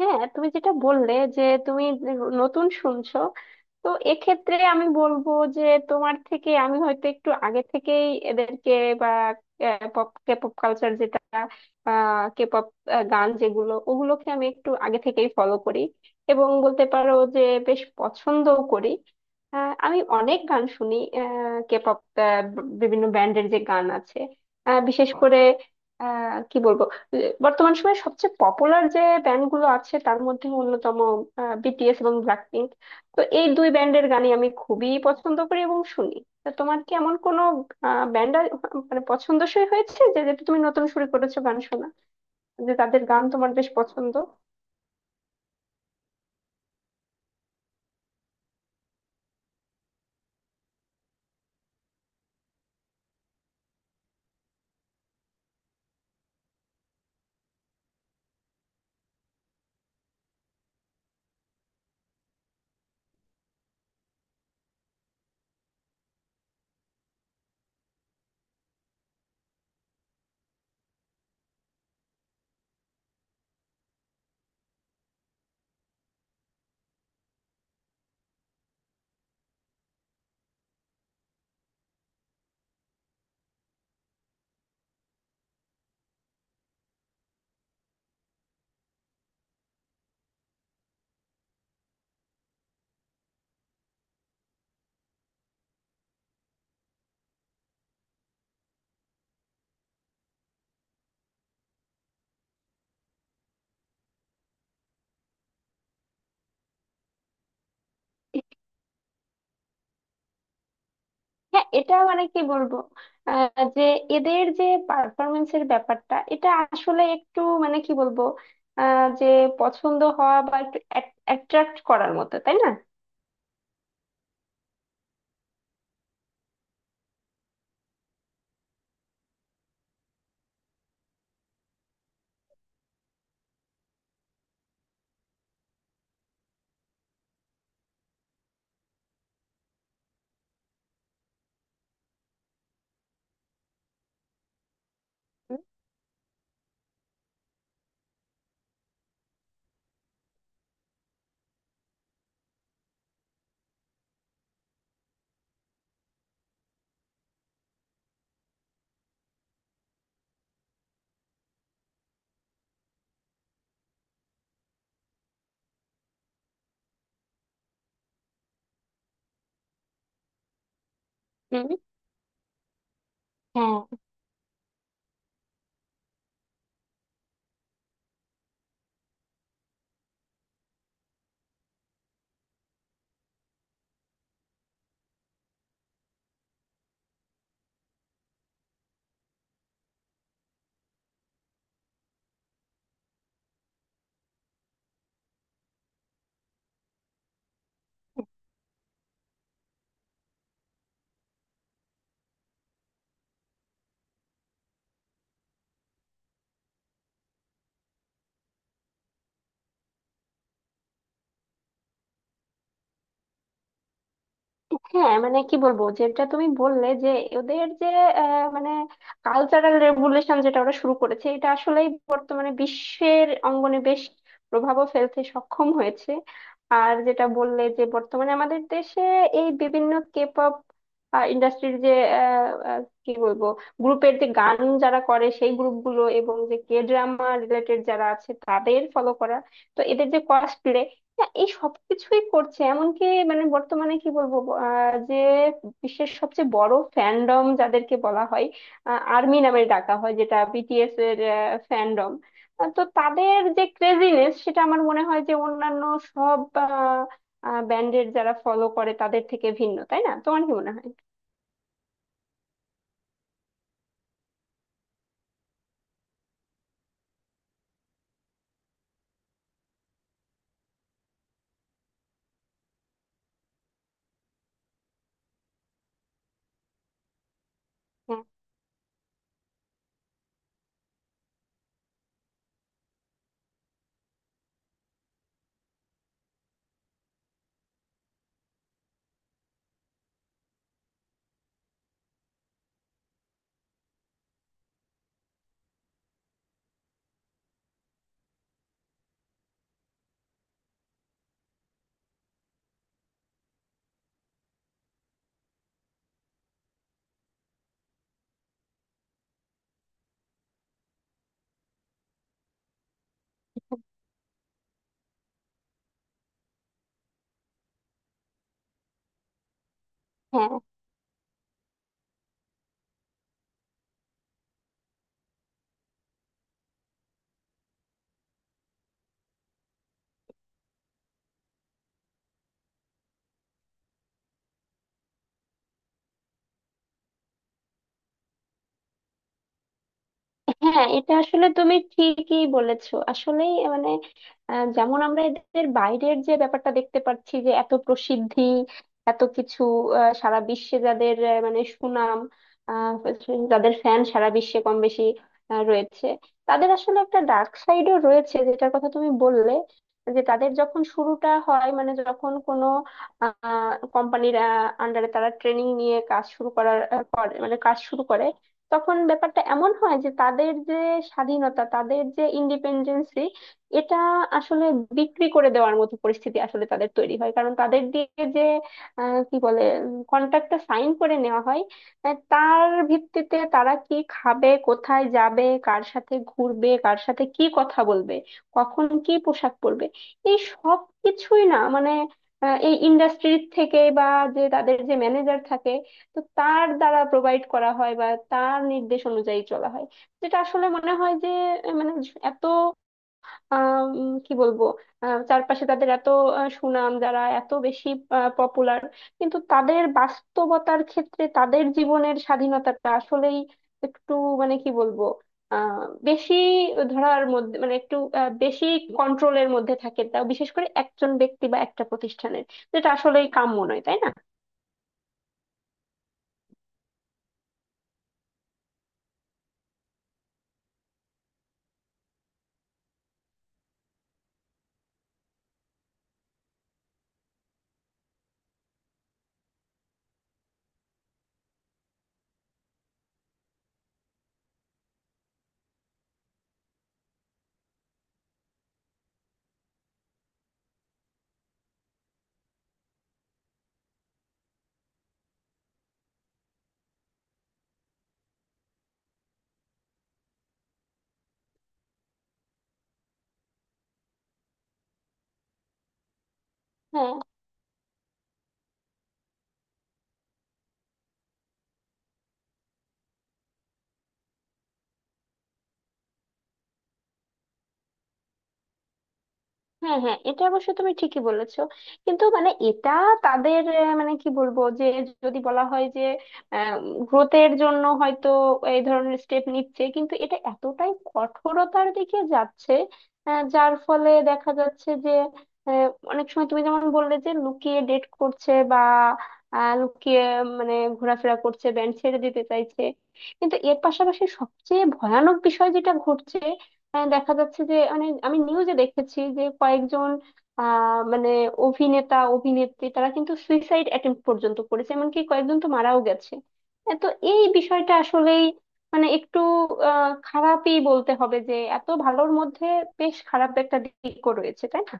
হ্যাঁ, তুমি যেটা বললে যে তুমি নতুন শুনছো, তো এক্ষেত্রে আমি বলবো যে তোমার থেকে আমি হয়তো একটু আগে থেকেই এদেরকে বা পপ, কে পপ কালচার যেটা, কে পপ গান যেগুলো ওগুলোকে আমি একটু আগে থেকেই ফলো করি এবং বলতে পারো যে বেশ পছন্দও করি। আমি অনেক গান শুনি, কে পপ বিভিন্ন ব্যান্ডের যে গান আছে। বিশেষ করে কি বলবো, বর্তমান সময়ে সবচেয়ে পপুলার যে ব্যান্ডগুলো আছে তার মধ্যে অন্যতম বিটিএস এবং ব্ল্যাকপিঙ্ক। তো এই দুই ব্যান্ডের গানই আমি খুবই পছন্দ করি এবং শুনি। তা তোমার কি এমন কোনো ব্যান্ড মানে পছন্দসই হয়েছে, যে যেটা তুমি নতুন শুরু করেছো গান শোনা, যে তাদের গান তোমার বেশ পছন্দ? হ্যাঁ, এটা মানে কি বলবো, যে এদের যে পারফরমেন্সের ব্যাপারটা, এটা আসলে একটু মানে কি বলবো, যে পছন্দ হওয়া বা একটু অ্যাট্রাক্ট করার মতো, তাই না? হ্যাঁ, হ্যাঁ, মানে কি বলবো, যেটা তুমি বললে যে ওদের যে মানে কালচারাল রেভলিউশন যেটা ওরা শুরু করেছে, এটা আসলেই বর্তমানে বিশ্বের অঙ্গনে বেশ প্রভাবও ফেলতে সক্ষম হয়েছে। আর যেটা বললে যে বর্তমানে আমাদের দেশে এই বিভিন্ন কে পপ ইন্ডাস্ট্রির যে আহ, আহ, কি বলবো, গ্রুপের যে গান যারা করে, সেই গ্রুপগুলো এবং যে কে ড্রামা রিলেটেড যারা আছে তাদের ফলো করা, তো এদের যে কসপ্লে, না, এই সবকিছুই করছে। এমনকি মানে বর্তমানে কি বলবো, যে বিশ্বের সবচেয়ে বড় ফ্যান্ডম যাদেরকে বলা হয়, আর্মি নামে ডাকা হয়, যেটা বিটিএস এর ফ্যান্ডম। তো তাদের যে ক্রেজিনেস, সেটা আমার মনে হয় যে অন্যান্য সব ব্যান্ডের যারা ফলো করে তাদের থেকে ভিন্ন, তাই না? তোমার কি মনে হয়? হ্যাঁ, হ্যাঁ, হ্যাঁ, এটা আসলে তুমি ঠিকই বলেছো। আসলেই মানে যেমন আমরা এদের বাইরের যে ব্যাপারটা দেখতে পাচ্ছি, যে এত প্রসিদ্ধি, এত কিছু, সারা বিশ্বে যাদের মানে সুনাম, আহ, যাদের ফ্যান সারা বিশ্বে কম বেশি রয়েছে, তাদের আসলে একটা ডার্ক সাইডও রয়েছে যেটার কথা তুমি বললে, যে তাদের যখন শুরুটা হয়, মানে যখন কোনো কোম্পানির আন্ডারে তারা ট্রেনিং নিয়ে কাজ শুরু করে, মানে কাজ শুরু করে, তখন ব্যাপারটা এমন হয় যে তাদের যে স্বাধীনতা, তাদের যে ইন্ডিপেন্ডেন্সি, এটা আসলে বিক্রি করে দেওয়ার মতো পরিস্থিতি আসলে তাদের তৈরি হয়। কারণ তাদের দিয়ে যে কি বলে, কন্ট্রাক্টটা সাইন করে নেওয়া হয়, তার ভিত্তিতে তারা কি খাবে, কোথায় যাবে, কার সাথে ঘুরবে, কার সাথে কি কথা বলবে, কখন কি পোশাক পরবে, এই সব কিছুই না মানে এই ইন্ডাস্ট্রির থেকে বা যে তাদের যে ম্যানেজার থাকে, তো তার দ্বারা প্রোভাইড করা হয় বা তার নির্দেশ অনুযায়ী চলা হয়। যেটা আসলে মনে হয় যে মানে এত কি বলবো, চারপাশে তাদের এত সুনাম, যারা এত বেশি পপুলার, কিন্তু তাদের বাস্তবতার ক্ষেত্রে তাদের জীবনের স্বাধীনতাটা আসলেই একটু মানে কি বলবো, বেশি ধরার মধ্যে, মানে একটু বেশি কন্ট্রোলের মধ্যে থাকে, তা বিশেষ করে একজন ব্যক্তি বা একটা প্রতিষ্ঠানের, যেটা আসলেই কাম্য নয়, তাই না? হ্যাঁ, হ্যাঁ, হ্যাঁ, এটা অবশ্য তুমি ঠিকই বলেছো। কিন্তু মানে এটা তাদের মানে কি বলবো, যে যদি বলা হয় যে গ্রোথের জন্য হয়তো এই ধরনের স্টেপ নিচ্ছে, কিন্তু এটা এতটাই কঠোরতার দিকে যাচ্ছে যার ফলে দেখা যাচ্ছে যে আহ, অনেক সময় তুমি যেমন বললে যে লুকিয়ে ডেট করছে বা লুকিয়ে মানে ঘোরাফেরা করছে, ব্যান্ড ছেড়ে দিতে চাইছে, কিন্তু এর পাশাপাশি সবচেয়ে ভয়ানক বিষয় যেটা ঘটছে, হ্যাঁ দেখা যাচ্ছে যে, মানে আমি নিউজে দেখেছি যে কয়েকজন মানে অভিনেতা অভিনেত্রী তারা কিন্তু সুইসাইড অ্যাটেম্প্ট পর্যন্ত করেছে, এমনকি কয়েকজন তো মারাও গেছে। হ্যাঁ, তো এই বিষয়টা আসলেই মানে একটু খারাপই বলতে হবে, যে এত ভালোর মধ্যে বেশ খারাপ একটা দিকও রয়েছে, তাই না?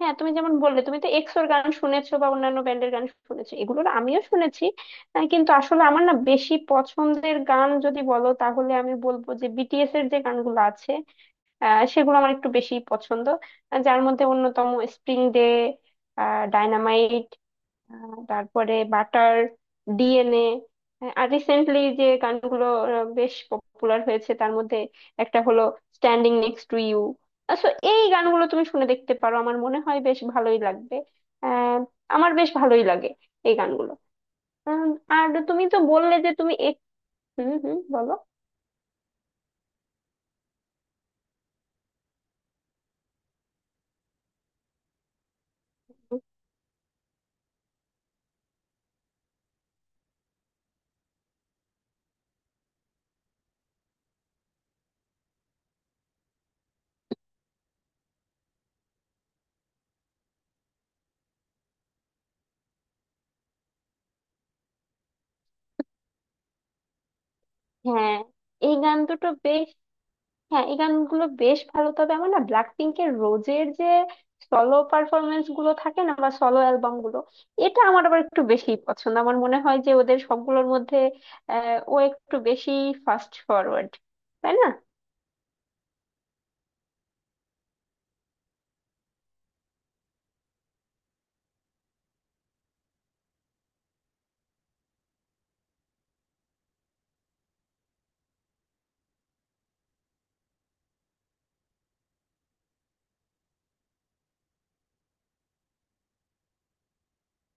হ্যাঁ, তুমি যেমন বললে তুমি তো এক্সোর গান শুনেছো বা অন্যান্য ব্যান্ডের গান শুনেছো, এগুলোর আমিও শুনেছি। কিন্তু আসলে আমার না বেশি পছন্দের গান যদি বলো, তাহলে আমি বলবো যে বিটিএস এর যে গানগুলো আছে সেগুলো আমার একটু বেশি পছন্দ, যার মধ্যে অন্যতম স্প্রিং ডে, ডাইনামাইট, তারপরে বাটার, ডিএনএ, আর রিসেন্টলি যে গানগুলো বেশ পপুলার হয়েছে তার মধ্যে একটা হলো Standing Next to You. So এই গানগুলো তুমি শুনে দেখতে পারো, আমার মনে হয় বেশ ভালোই লাগবে। আহ, আমার বেশ ভালোই লাগে এই গানগুলো। উম, আর তুমি তো বললে যে তুমি এক-, হুম, হুম, বলো। হ্যাঁ, এই গান দুটো বেশ, হ্যাঁ এই গানগুলো বেশ ভালো। তবে আমার না ব্ল্যাক পিঙ্কের রোজের যে সলো পারফরমেন্স গুলো থাকে না বা সলো অ্যালবাম গুলো, এটা আমার আবার একটু বেশি পছন্দ। আমার মনে হয় যে ওদের সবগুলোর মধ্যে ও একটু বেশি ফাস্ট ফরওয়ার্ড, তাই না?